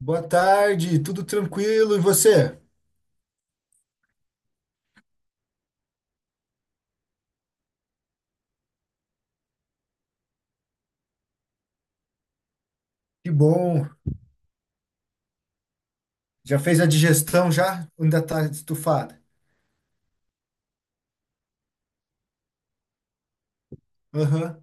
Boa tarde, tudo tranquilo e você? Que bom. Já fez a digestão já? Ou ainda tá estufada? Aham.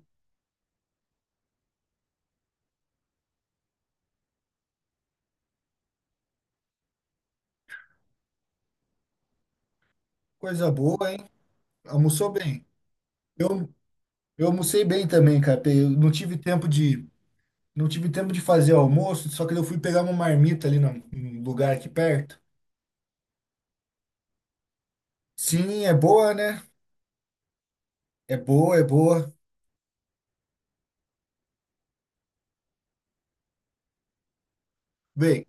Coisa boa, hein? Almoçou bem. Eu, eu almocei bem também, cara. Eu não tive tempo de fazer almoço, só que eu fui pegar uma marmita ali num lugar aqui perto. Sim, é boa, né? É boa, é boa. Bem,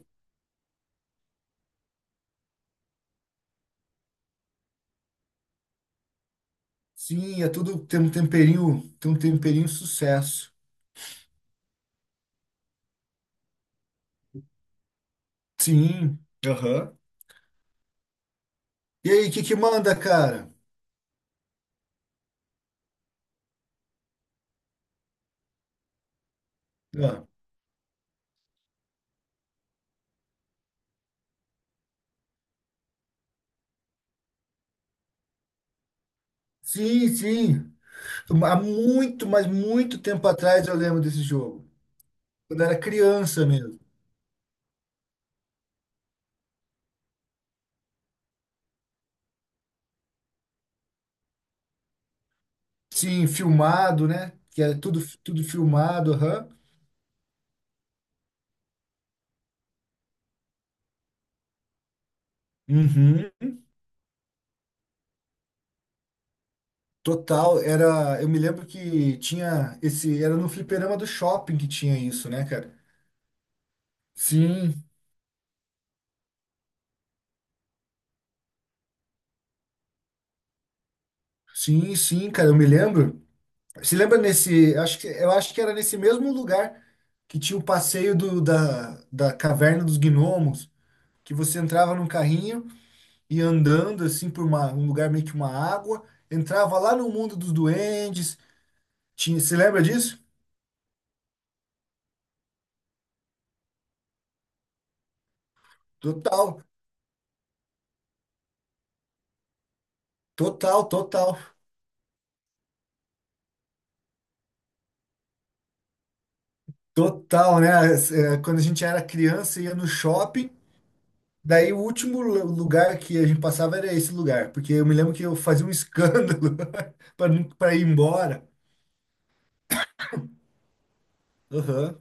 sim, é tudo tem um temperinho sucesso. Sim. Aham. E aí, o que que manda, cara? Sim, sim. Há muito, mas muito tempo atrás eu lembro desse jogo. Quando eu era criança mesmo. Sim, filmado, né? Que era tudo, tudo filmado, aham. Uhum. Total, era. Eu me lembro que tinha esse. Era no fliperama do shopping que tinha isso, né, cara? Sim, sim, sim, cara. Eu me lembro. Se lembra nesse. Eu acho que era nesse mesmo lugar que tinha o passeio do, da Caverna dos Gnomos, que você entrava num carrinho. E andando assim por um lugar meio que uma água, entrava lá no mundo dos duendes. Tinha, você lembra disso? Total, total, total, total, né? Quando a gente era criança, ia no shopping. Daí o último lugar que a gente passava era esse lugar, porque eu me lembro que eu fazia um escândalo para não, para ir embora. Aham.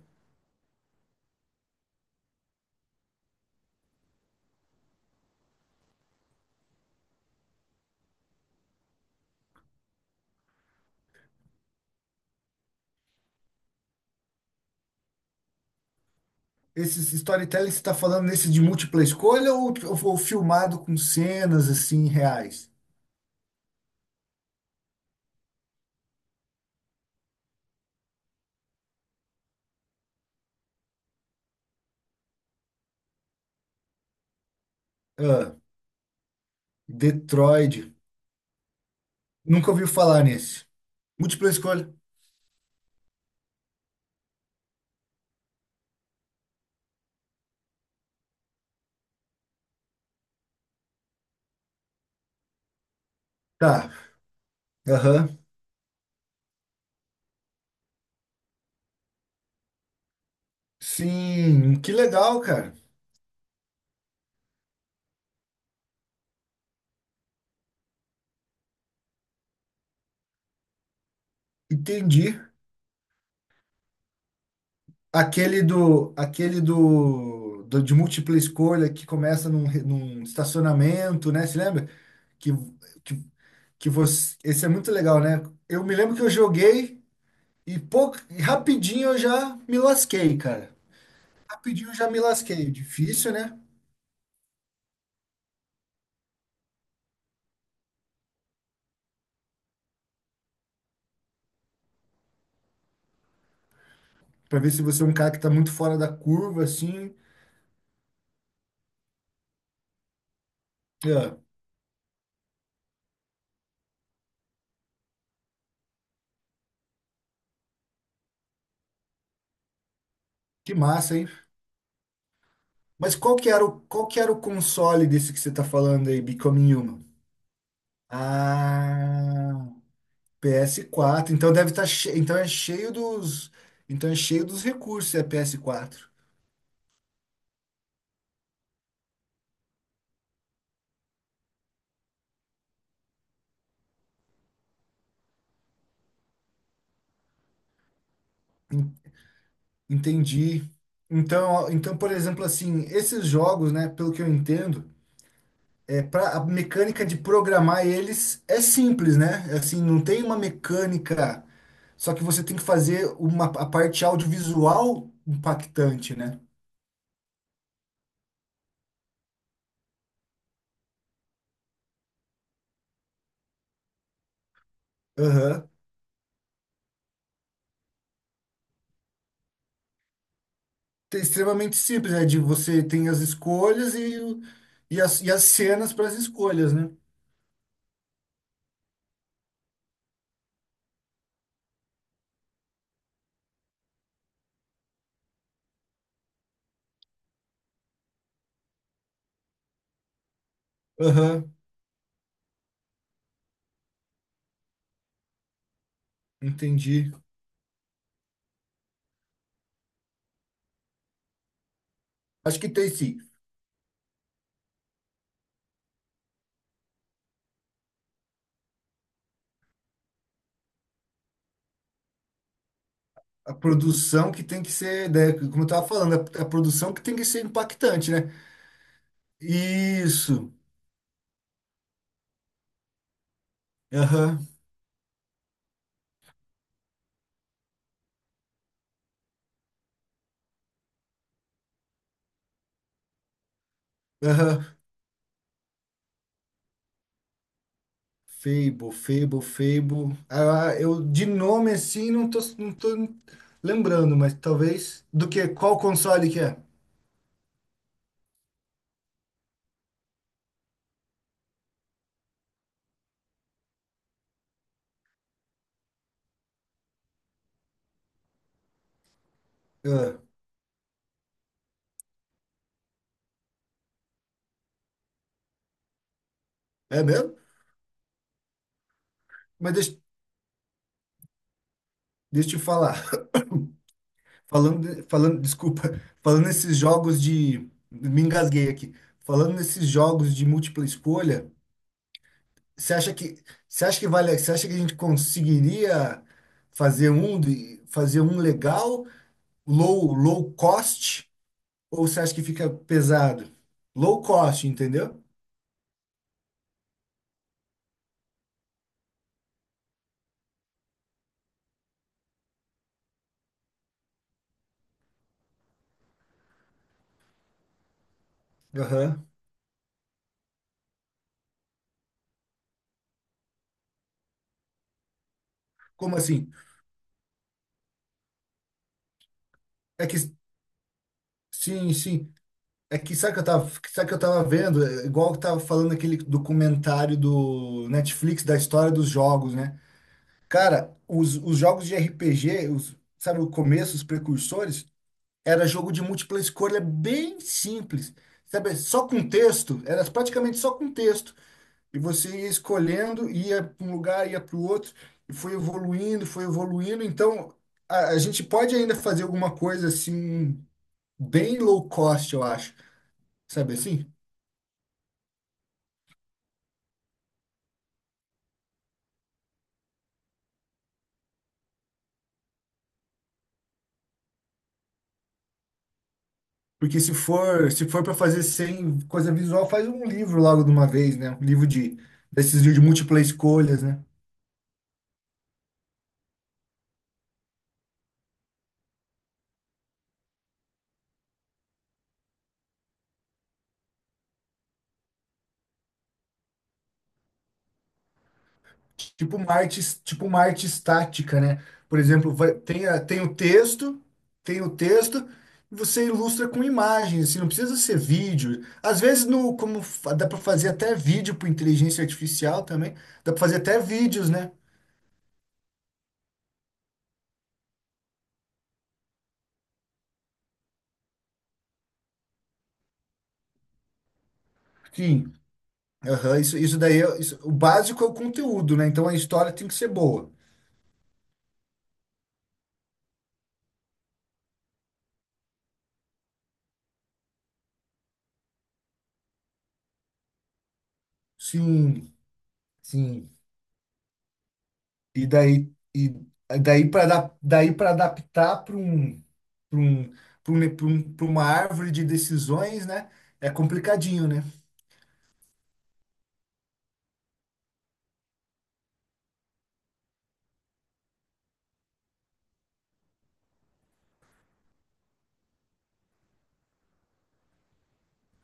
Esse storytelling que você está falando nesse de múltipla escolha ou filmado com cenas assim reais? Ah, Detroit. Nunca ouviu falar nesse. Múltipla escolha. Tá. Aham. Sim, que legal, cara. Entendi. Aquele de múltipla escolha que começa num estacionamento, né? Se lembra? Que, que, Esse é muito legal, né? Eu me lembro que eu joguei e pouco, e rapidinho eu já me lasquei, cara. Rapidinho eu já me lasquei. Difícil, né? Pra ver se você é um cara que tá muito fora da curva, assim. É, que massa, hein? Mas qual que era o console desse que você está falando aí, Becoming Human? Ah, PS4. Então deve estar cheio, então é cheio dos recursos, é PS4. Entendi. Então, por exemplo, assim, esses jogos, né, pelo que eu entendo, a mecânica de programar eles é simples, né? É, assim, não tem uma mecânica, só que você tem que fazer uma a parte audiovisual impactante, né? Aham. É extremamente simples, é de você tem as escolhas e as cenas para as escolhas, né? Aham, entendi. Acho que tem sim. A produção que tem que ser, né, como eu estava falando, a produção que tem que ser impactante, né? Isso. Aham, aham. Fable, Fable, Fable. Ah, eu de nome assim não tô lembrando, mas talvez do que qual console que é? Ah, é mesmo? Mas deixa eu te falar. Falando, desculpa, falando nesses jogos de, me engasguei aqui. Falando nesses jogos de múltipla escolha, você acha que, você acha que vale, você acha que a gente conseguiria fazer um legal, low cost, ou você acha que fica pesado? Low cost, entendeu? Aham. Como assim? É que, sim, sim. É que sabe que eu tava vendo, é igual que eu tava falando aquele documentário do Netflix da história dos jogos, né? Cara, os jogos de RPG, os, sabe, o começo, os precursores, era jogo de múltipla escolha bem simples. Sabe, só com texto, era praticamente só com texto. E você ia escolhendo, ia para um lugar, ia para o outro, e foi evoluindo, foi evoluindo. Então, a gente pode ainda fazer alguma coisa assim, bem low cost, eu acho. Sabe assim? Porque se for para fazer sem coisa visual, faz um livro logo de uma vez, né? Um livro desses de múltipla escolhas, né? Tipo uma arte estática, né? Por exemplo, tem o texto, e você ilustra com imagens, assim, não precisa ser vídeo. Às vezes, no, como fa- dá para fazer até vídeo por inteligência artificial também, dá para fazer até vídeos, né? Sim. Aham, isso daí, o básico é o conteúdo, né? Então a história tem que ser boa. Sim, sim. E daí para adaptar para um, para um, pra uma árvore de decisões, né? É complicadinho, né?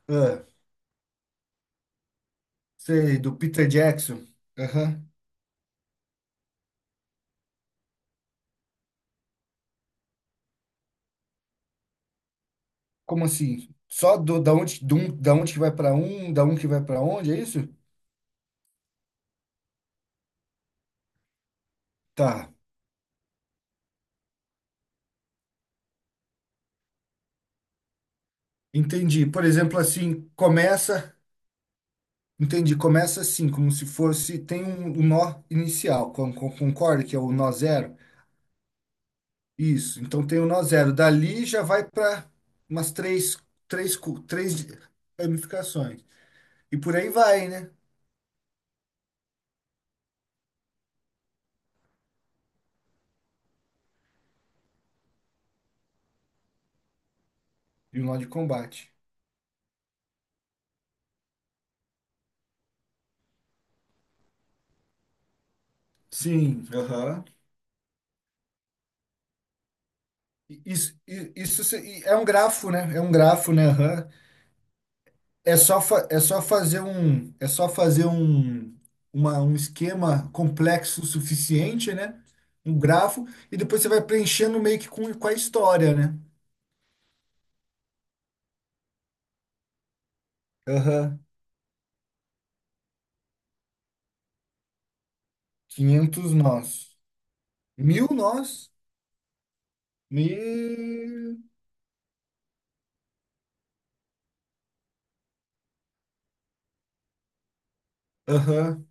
Ah, sei, do Peter Jackson. Aham. Como assim? Só do, da onde que vai para um, da um que vai para onde, é isso? Tá. Entendi. Por exemplo, assim, começa. Entendi, começa assim, como se fosse. Tem um nó inicial, concorda que é o nó zero? Isso, então tem o nó zero. Dali já vai para umas três ramificações. E por aí vai, né? E o nó de combate. Sim, aham. Isso, é um grafo, né? É um grafo, né? Aham. É só, fa- é só fazer um, é só fazer um, uma, um esquema complexo o suficiente, né? Um grafo, e depois você vai preenchendo meio que com a história, né? Aham. 500 nós. 1.000 nós? E... Aham.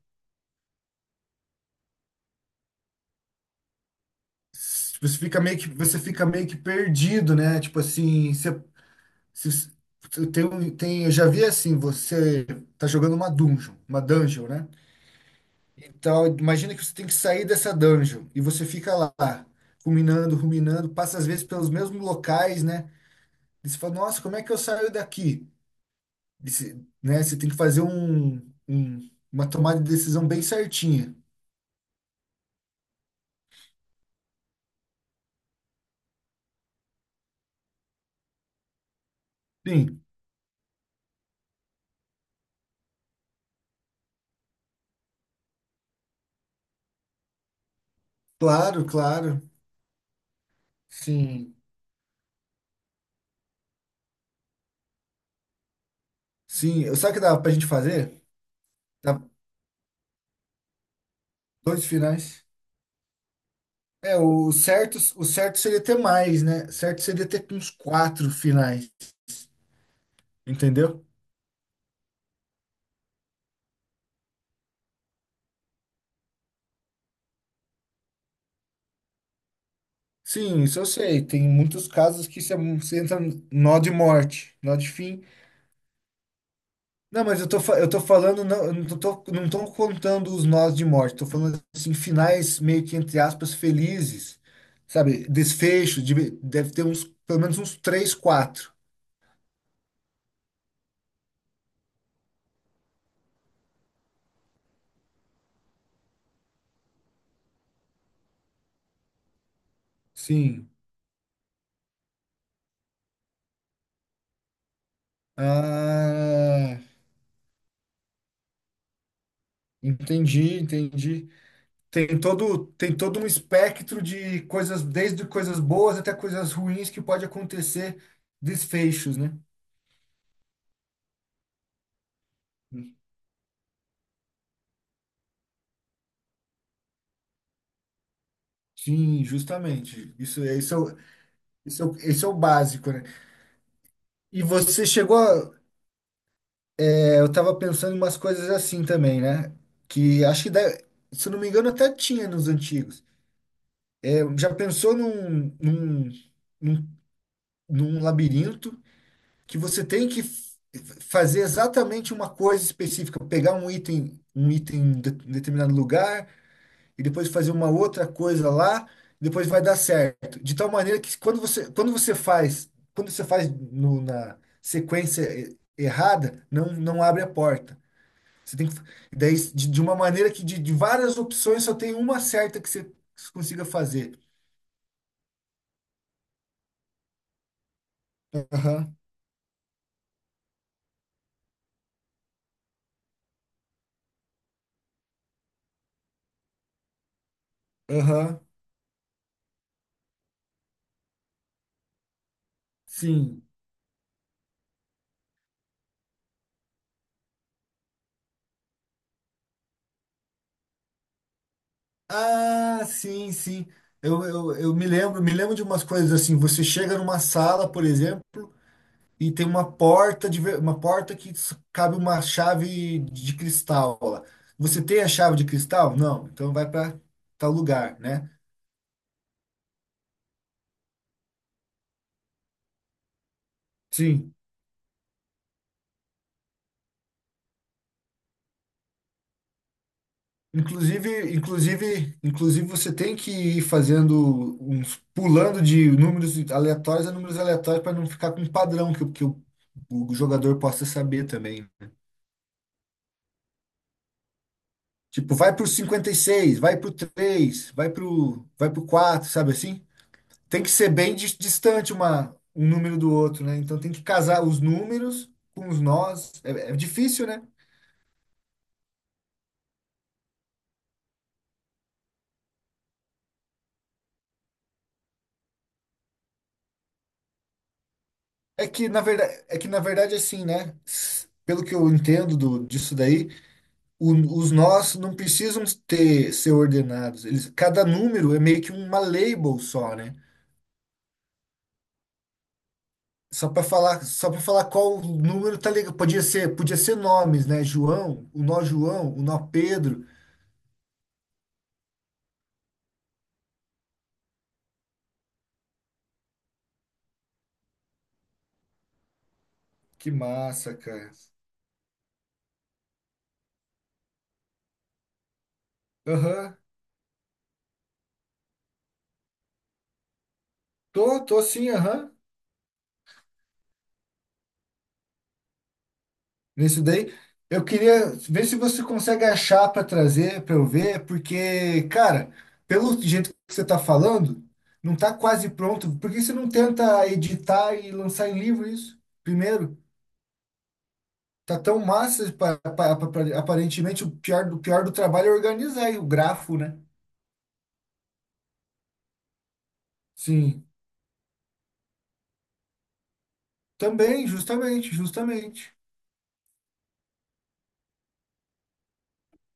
Você fica meio que perdido, né? Tipo assim, você, se- se- tem, um- tem, eu já vi assim, você tá jogando uma dungeon, né? Então, imagina que você tem que sair dessa dungeon e você fica lá, ruminando, ruminando, passa às vezes pelos mesmos locais, né? E você fala, nossa, como é que eu saio daqui? E você, né? Você tem que fazer uma tomada de decisão bem certinha. Sim, claro, claro. Sim. Sim, sabe o que dava pra gente fazer? Dá dois finais. É, o certo seria ter mais, né? Certo seria ter uns quatro finais, entendeu? Sim, isso eu sei. Tem muitos casos que você entra no nó de morte, nó de fim. Não, mas eu tô falando, não, eu não tô contando os nós de morte. Tô falando assim, finais meio que, entre aspas, felizes. Sabe? Desfecho, deve ter uns, pelo menos uns três, quatro. Sim. Ah. Entendi, entendi. Tem todo um espectro de coisas, desde coisas boas até coisas ruins que pode acontecer, desfechos, né? Sim, justamente. Isso é o básico, né? E você chegou a, é, eu tava pensando em umas coisas assim também, né? Que acho que, se eu não me engano, até tinha nos antigos. É, já pensou num, num labirinto? Que você tem que fazer exatamente uma coisa específica, pegar um item em determinado lugar e depois fazer uma outra coisa lá, depois vai dar certo. De tal maneira que quando você faz no- na sequência errada, não, não abre a porta. Você tem que, de uma maneira que de várias opções só tem uma certa que você consiga fazer. Aham, aham, sim. Ah, sim, sim. Eu me lembro de umas coisas assim. Você chega numa sala, por exemplo, e tem uma porta que cabe uma chave de cristal lá. Você tem a chave de cristal? Não. Então vai para tal lugar, né? Sim. Inclusive você tem que ir fazendo uns pulando de números aleatórios a números aleatórios para não ficar com um padrão que o jogador possa saber também, né? Tipo, vai pro 56, vai pro 3, vai pro 4, sabe assim? Tem que ser bem distante um número do outro, né? Então tem que casar os números com os nós. É difícil, né? É que na verdade, é que na verdade assim, né? Pelo que eu entendo disso daí, o- os nós não precisam ter ser ordenados. Eles, cada número é meio que uma label só, né? Só para falar qual número tá ligado. Podia ser nomes, né? João, o nó Pedro. Que massa, cara. Aham. Tô sim, aham. Nesse daí. Eu queria ver se você consegue achar para trazer, para eu ver, porque, cara, pelo jeito que você tá falando, não tá quase pronto. Por que você não tenta editar e lançar em livro isso? Primeiro, tá tão massa, aparentemente o pior do trabalho é organizar aí o grafo, né? Sim. Também, justamente, justamente.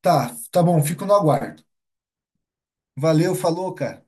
Tá, tá bom, fico no aguardo. Valeu, falou, cara.